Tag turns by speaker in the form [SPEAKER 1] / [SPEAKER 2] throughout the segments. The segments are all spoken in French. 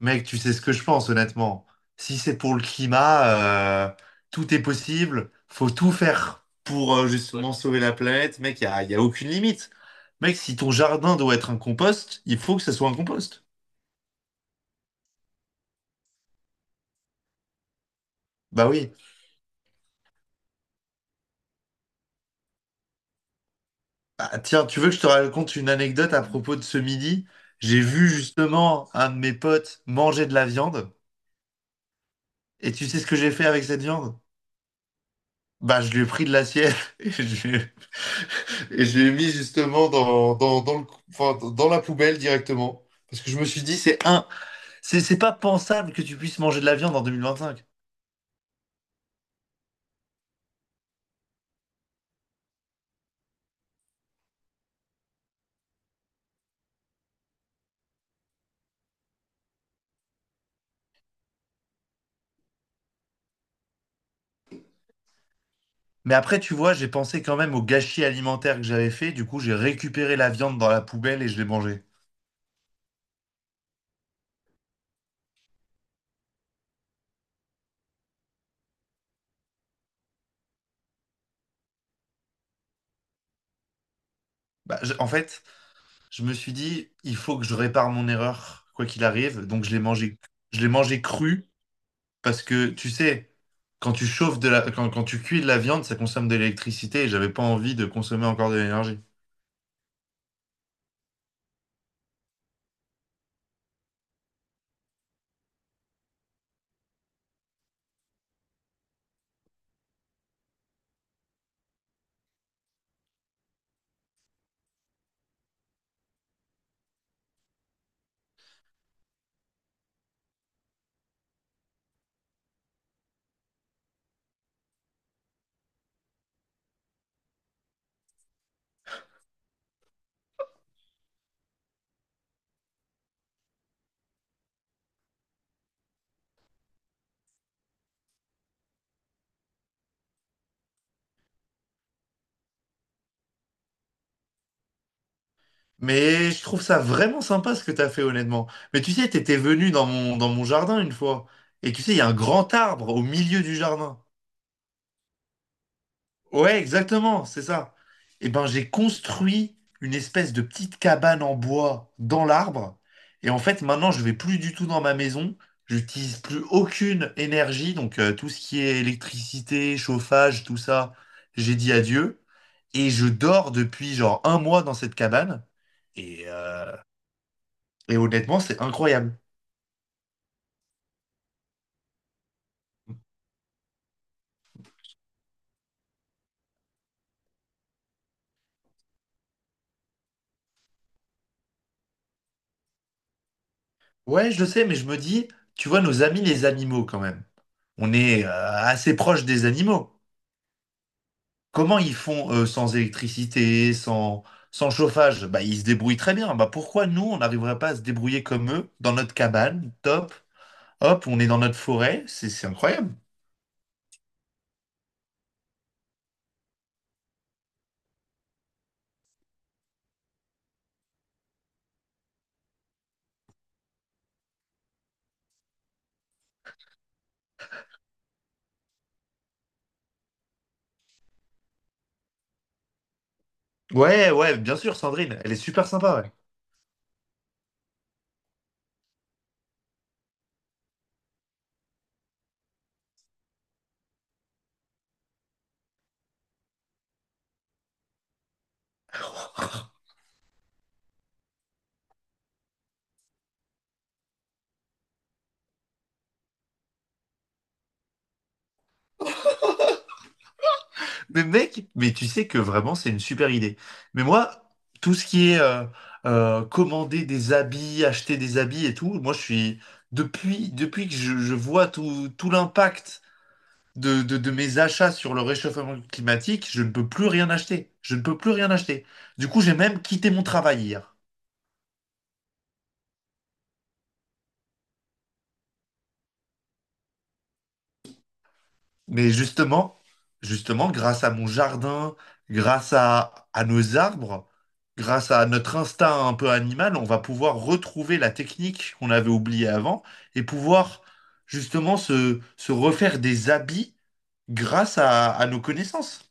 [SPEAKER 1] Mec, tu sais ce que je pense, honnêtement. Si c'est pour le climat, euh, tout est possible. Faut tout faire pour Ouais. Justement sauver la planète. Mec, y a aucune limite. Mec, si ton jardin doit être un compost, il faut que ça soit un compost. Bah oui. Ah, tiens, tu veux que je te raconte une anecdote à propos de ce midi? J'ai vu justement un de mes potes manger de la viande. Et tu sais ce que j'ai fait avec cette viande? Bah, je lui ai pris de l'assiette et je, et je l'ai mis justement dans la poubelle directement. Parce que je me suis dit, c'est pas pensable que tu puisses manger de la viande en 2025. Mais après, tu vois, j'ai pensé quand même au gâchis alimentaire que j'avais fait. Du coup, j'ai récupéré la viande dans la poubelle et je l'ai mangée. En fait, je me suis dit, il faut que je répare mon erreur, quoi qu'il arrive. Donc, je l'ai mangé cru parce que, tu sais, quand tu cuis de la viande, ça consomme de l'électricité et j'avais pas envie de consommer encore de l'énergie. Mais je trouve ça vraiment sympa ce que t'as fait honnêtement. Mais tu sais, t'étais venu dans mon jardin une fois. Et tu sais, il y a un grand arbre au milieu du jardin. Ouais, exactement, c'est ça. Et ben j'ai construit une espèce de petite cabane en bois dans l'arbre. Et en fait, maintenant, je vais plus du tout dans ma maison. J'utilise plus aucune énergie. Donc tout ce qui est électricité, chauffage, tout ça, j'ai dit adieu. Et je dors depuis genre un mois dans cette cabane. Et euh, Et honnêtement, c'est incroyable. Ouais, je le sais, mais je me dis, tu vois, nos amis les animaux quand même. On est assez proche des animaux. Comment ils font sans électricité, sans, sans chauffage? Bah, ils se débrouillent très bien. Bah, pourquoi nous, on n'arriverait pas à se débrouiller comme eux, dans notre cabane, top, hop, on est dans notre forêt, c'est incroyable. Ouais, ouais, bien sûr, Sandrine, elle est super sympa, ouais. Mais mec, mais tu sais que vraiment c'est une super idée. Mais moi, tout ce qui est commander des habits, acheter des habits et tout, moi je suis depuis que je vois tout l'impact de mes achats sur le réchauffement climatique, je ne peux plus rien acheter. Je ne peux plus rien acheter. Du coup, j'ai même quitté mon travail hier. Mais justement, justement, grâce à mon jardin, à nos arbres, grâce à notre instinct un peu animal, on va pouvoir retrouver la technique qu'on avait oubliée avant et pouvoir justement se refaire des habits à nos connaissances.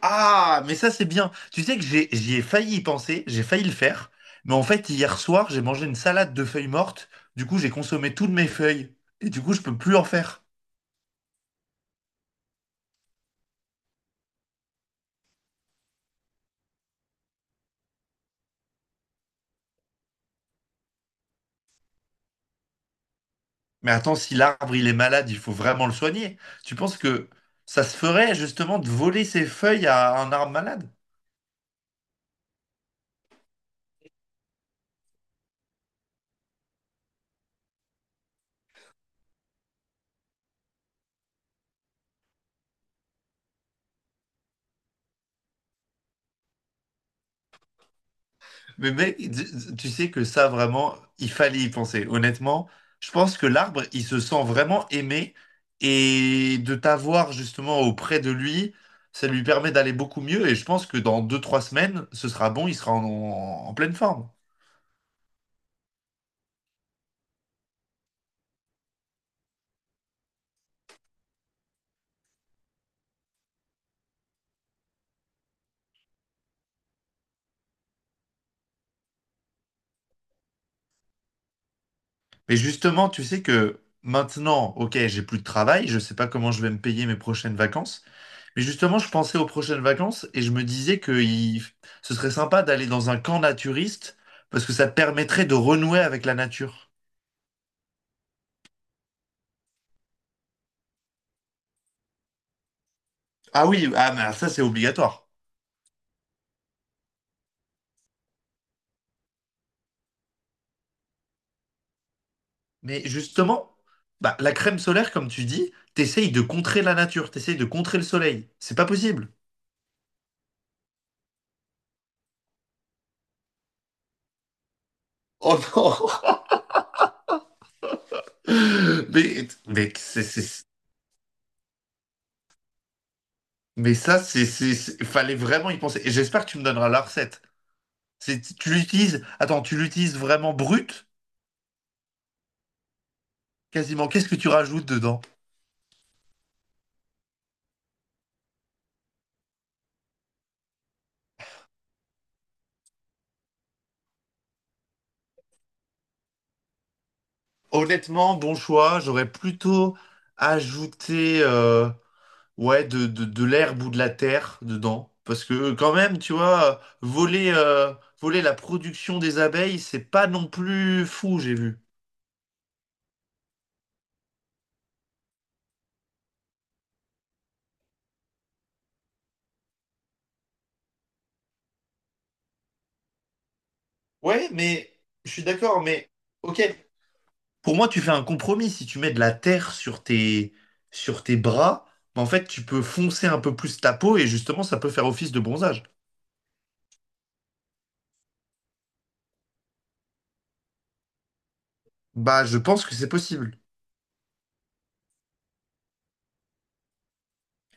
[SPEAKER 1] Ah, mais ça c'est bien. Tu sais que j'y ai failli y penser, j'ai failli le faire, mais en fait hier soir j'ai mangé une salade de feuilles mortes, du coup j'ai consommé toutes mes feuilles et du coup je peux plus en faire. Mais attends, si l'arbre il est malade, il faut vraiment le soigner. Tu penses que ça se ferait justement de voler ses feuilles à un arbre malade? Mais mec, tu sais que ça vraiment, il fallait y penser. Honnêtement, je pense que l'arbre il se sent vraiment aimé et de t'avoir justement auprès de lui, ça lui permet d'aller beaucoup mieux. Et je pense que dans 2, 3 semaines, ce sera bon, il sera en pleine forme. Mais justement, tu sais que maintenant, ok, j'ai plus de travail, je sais pas comment je vais me payer mes prochaines vacances. Mais justement, je pensais aux prochaines vacances et je me disais ce serait sympa d'aller dans un camp naturiste parce que ça te permettrait de renouer avec la nature. Ah oui, ah, mais ça c'est obligatoire. Mais justement, bah, la crème solaire, comme tu dis, t'essayes de contrer la nature, t'essayes de contrer le soleil. C'est pas possible. Oh non! Mais, c'est- mais ça, c'est- Fallait vraiment y penser. Et j'espère que tu me donneras la recette. C'est, tu l'utilises, attends, tu l'utilises vraiment brute, quasiment. Qu'est-ce que tu rajoutes dedans? Honnêtement, bon choix. J'aurais plutôt ajouté ouais, de l'herbe ou de la terre dedans. Parce que quand même, tu vois, voler la production des abeilles, c'est pas non plus fou, j'ai vu. Ouais, mais je suis d'accord, mais ok. Pour moi, tu fais un compromis. Si tu mets de la terre sur tes bras, bah, en fait, tu peux foncer un peu plus ta peau et justement, ça peut faire office de bronzage. Bah, je pense que c'est possible.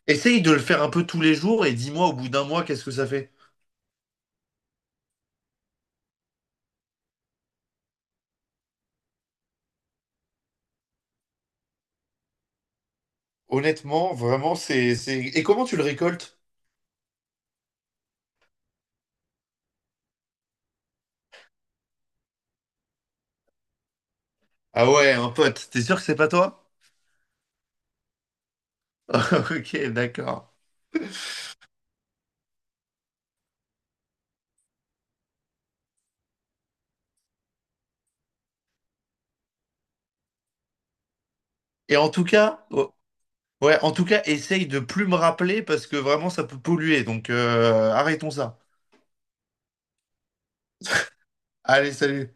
[SPEAKER 1] Essaye de le faire un peu tous les jours et dis-moi au bout d'un mois qu'est-ce que ça fait. Honnêtement, vraiment, c'est... Et comment tu le récoltes? Ah ouais, un pote, t'es sûr que c'est pas toi? Ok, d'accord. Et en tout cas, oh, ouais, en tout cas, essaye de plus me rappeler parce que vraiment ça peut polluer. Donc arrêtons ça. Allez, salut.